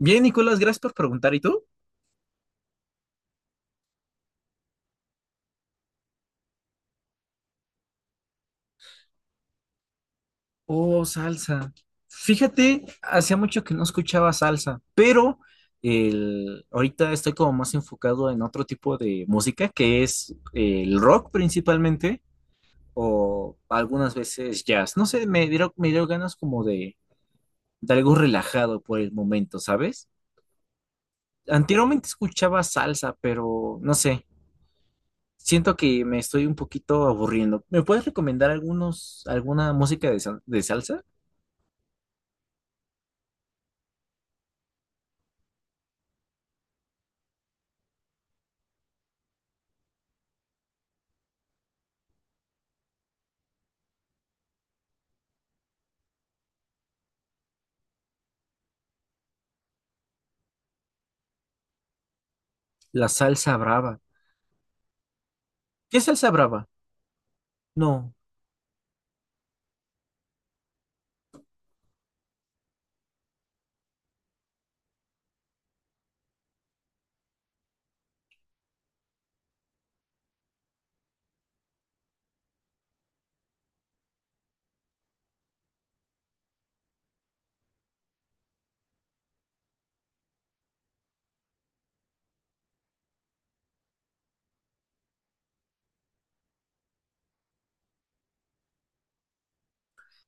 Bien, Nicolás, gracias por preguntar. ¿Y tú? Oh, salsa. Fíjate, hacía mucho que no escuchaba salsa, pero ahorita estoy como más enfocado en otro tipo de música, que es el rock principalmente, o algunas veces jazz. No sé, me dieron ganas como de algo relajado por el momento, ¿sabes? Anteriormente escuchaba salsa, pero no sé, siento que me estoy un poquito aburriendo. ¿Me puedes recomendar alguna música de salsa? La salsa brava. ¿Qué salsa brava? No,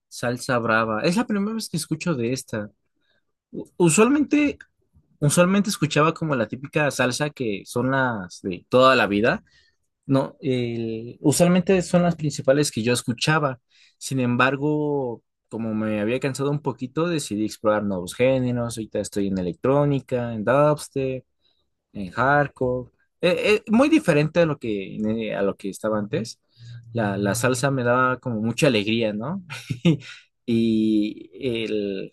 salsa brava. Es la primera vez que escucho de esta. Usualmente, usualmente escuchaba como la típica salsa que son las de toda la vida. No, usualmente son las principales que yo escuchaba. Sin embargo, como me había cansado un poquito, decidí explorar nuevos géneros. Ahorita estoy en electrónica, en dubstep, en hardcore. Muy diferente a lo que estaba antes. La salsa me daba como mucha alegría, ¿no? Y el,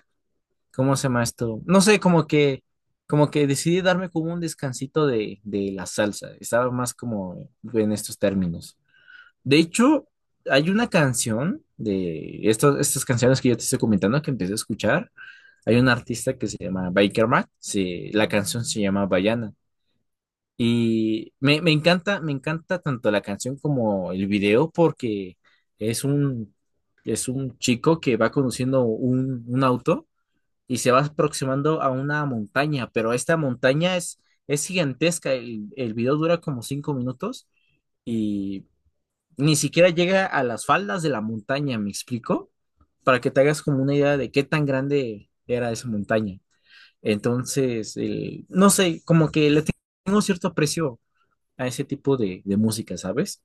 ¿cómo se llama esto? No sé, como que decidí darme como un descansito de la salsa. Estaba más como en estos términos. De hecho, hay una canción de estas canciones que yo te estoy comentando que empecé a escuchar. Hay un artista que se llama Baker Mac. Sí, la canción se llama Bayana. Y me encanta tanto la canción como el video porque es un, es un chico que va conduciendo un auto y se va aproximando a una montaña, pero es gigantesca. El video dura como 5 minutos y ni siquiera llega a las faldas de la montaña, ¿me explico? Para que te hagas como una idea de qué tan grande era esa montaña. Entonces, no sé, como que le tengo cierto aprecio a ese tipo de música, ¿sabes?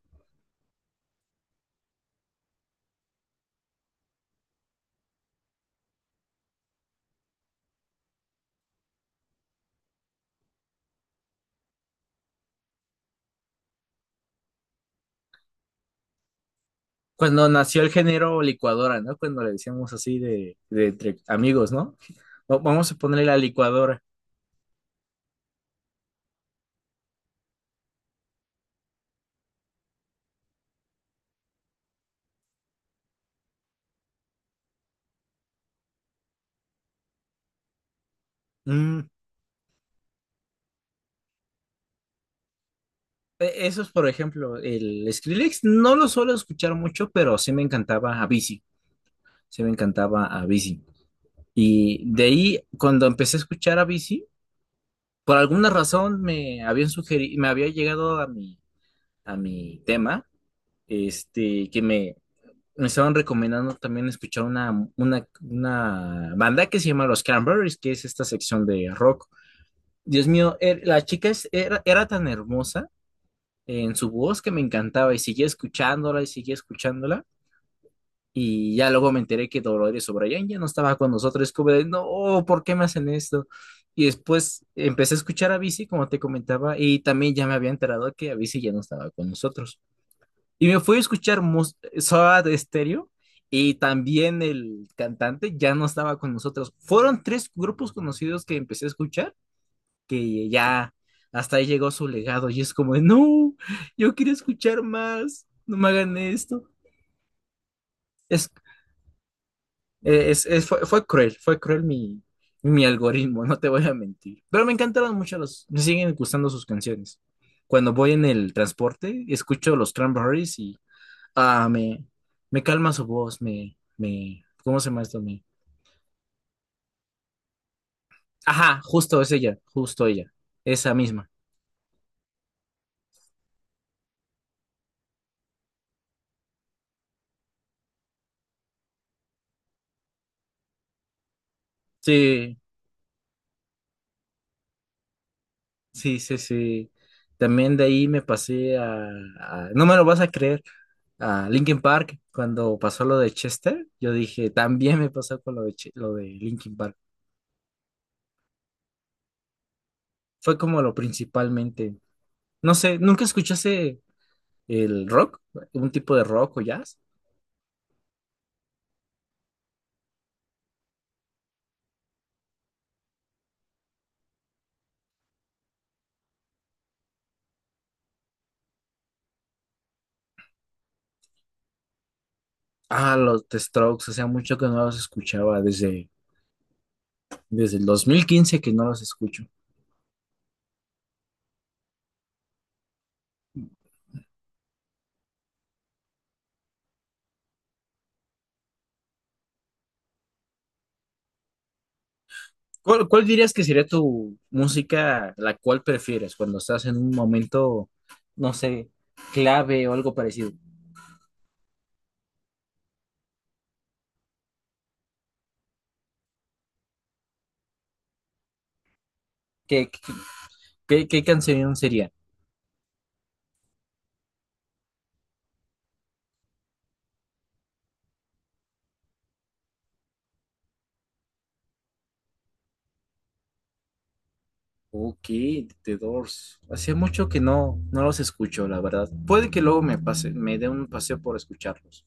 Cuando nació el género licuadora, ¿no? Cuando le decíamos así de entre amigos, ¿no? Vamos a ponerle la licuadora. Mm, eso es, por ejemplo, el Skrillex no lo suelo escuchar mucho, pero sí me encantaba a Avicii, sí me encantaba a Avicii. Y de ahí, cuando empecé a escuchar a Avicii, por alguna razón me habían sugerido, me había llegado a mi tema, este, que me me estaban recomendando también escuchar una banda que se llama Los Cranberries, que es esta sección de rock. Dios mío, la chica era tan hermosa en su voz que me encantaba y seguía escuchándola y seguía escuchándola. Y ya luego me enteré que Dolores O'Brien ya no estaba con nosotros. Es como de, no, ¿por qué me hacen esto? Y después empecé a escuchar a Bici, como te comentaba, y también ya me había enterado que Avicii ya no estaba con nosotros. Y me fui a escuchar Soda Stereo y también el cantante ya no estaba con nosotros. Fueron tres grupos conocidos que empecé a escuchar, que ya hasta ahí llegó su legado y es como, de, no, yo quiero escuchar más, no me hagan esto. Es, Fue cruel, mi mi algoritmo, no te voy a mentir. Pero me encantaron mucho me siguen gustando sus canciones. Cuando voy en el transporte, escucho los Cranberries y ah, me calma su voz, ¿cómo se llama esto? Me, ajá, justo es ella, justo ella, esa misma. Sí, sí, sí, sí. También de ahí me pasé no me lo vas a creer, a Linkin Park, cuando pasó lo de Chester, yo dije, también me pasó con lo de, lo de Linkin Park. Fue como lo principalmente, no sé, ¿nunca escuchaste el rock? ¿Un tipo de rock o jazz? Ah, los The Strokes, o sea, mucho que no los escuchaba desde desde el 2015 que no los escucho. Cuál dirías que sería tu música la cual prefieres cuando estás en un momento, no sé, clave o algo parecido? ¿Qué, qué, qué canción sería? Ok, The Doors. Hacía mucho que no los escucho, la verdad. Puede que luego me pase, me dé un paseo por escucharlos.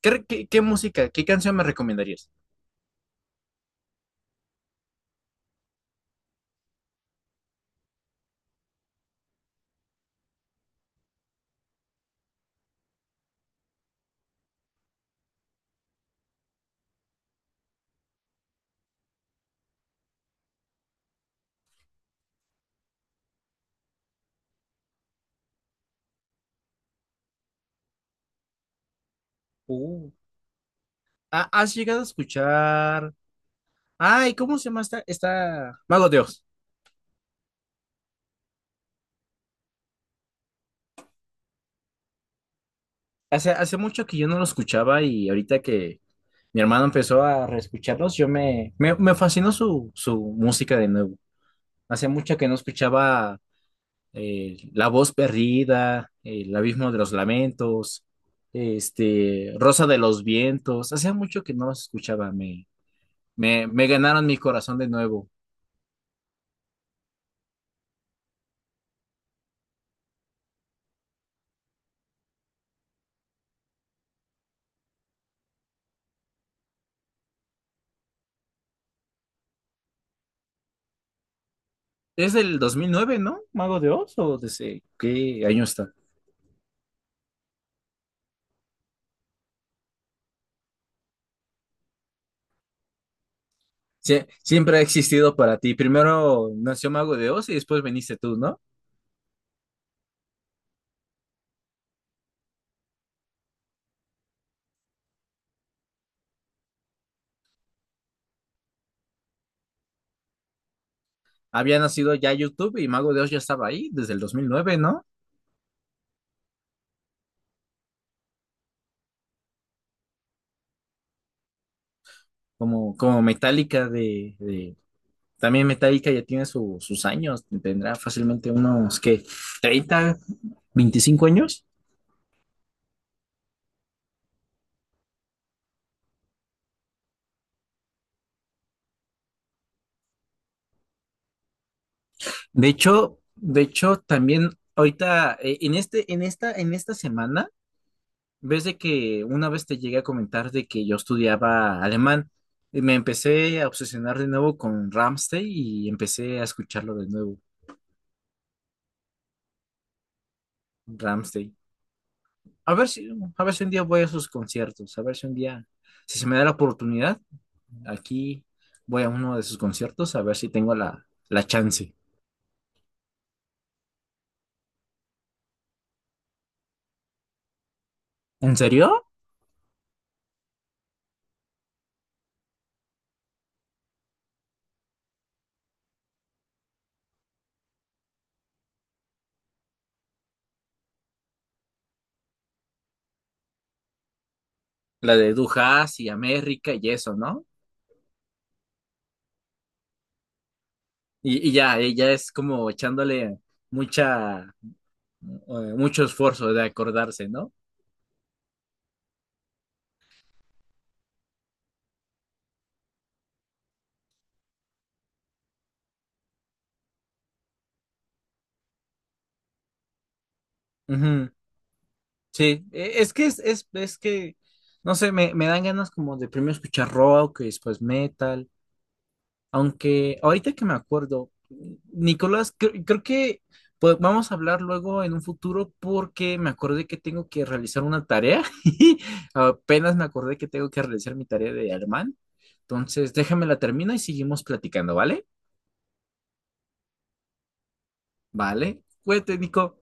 Qué música, qué canción me recomendarías? Uh, has llegado a escuchar? Ay, ¿cómo se llama esta? Esta... Mago Dios. Hace mucho que yo no lo escuchaba y ahorita que mi hermano empezó a reescucharlos, yo me fascinó su música de nuevo. Hace mucho que no escuchaba La Voz Perdida, El Abismo de los Lamentos, este, Rosa de los Vientos. Hace mucho que no los escuchaba. Me ganaron mi corazón de nuevo. Es del 2009, ¿no? Mago de Oz, ¿o desde qué año está? Siempre ha existido para ti. Primero nació Mago de Oz y después viniste tú, ¿no? Había nacido ya YouTube y Mago de Oz ya estaba ahí desde el 2009, ¿no? Como, como Metallica también Metallica ya tiene sus años, tendrá fácilmente unos, ¿qué? 30, 25 años. De hecho, también ahorita, en esta, semana, ves de que una vez te llegué a comentar de que yo estudiaba alemán. Y me empecé a obsesionar de nuevo con Rammstein y empecé a escucharlo de nuevo, Ramstein. A ver si, a ver si un día voy a sus conciertos, a ver si un día, si se me da la oportunidad, aquí voy a uno de sus conciertos a ver si tengo la chance. ¿En serio? La de Dujas y América y eso, ¿no? Y ya es como echándole mucha, mucho esfuerzo de acordarse, ¿no? Ujú. Sí, es que es que, no sé, me dan ganas como de primero escuchar rock y después metal. Aunque ahorita que me acuerdo, Nicolás, creo que pues, vamos a hablar luego en un futuro porque me acordé que tengo que realizar una tarea. Apenas me acordé que tengo que realizar mi tarea de alemán. Entonces, déjame la termino y seguimos platicando, ¿vale? Vale. Cuídate, Nico.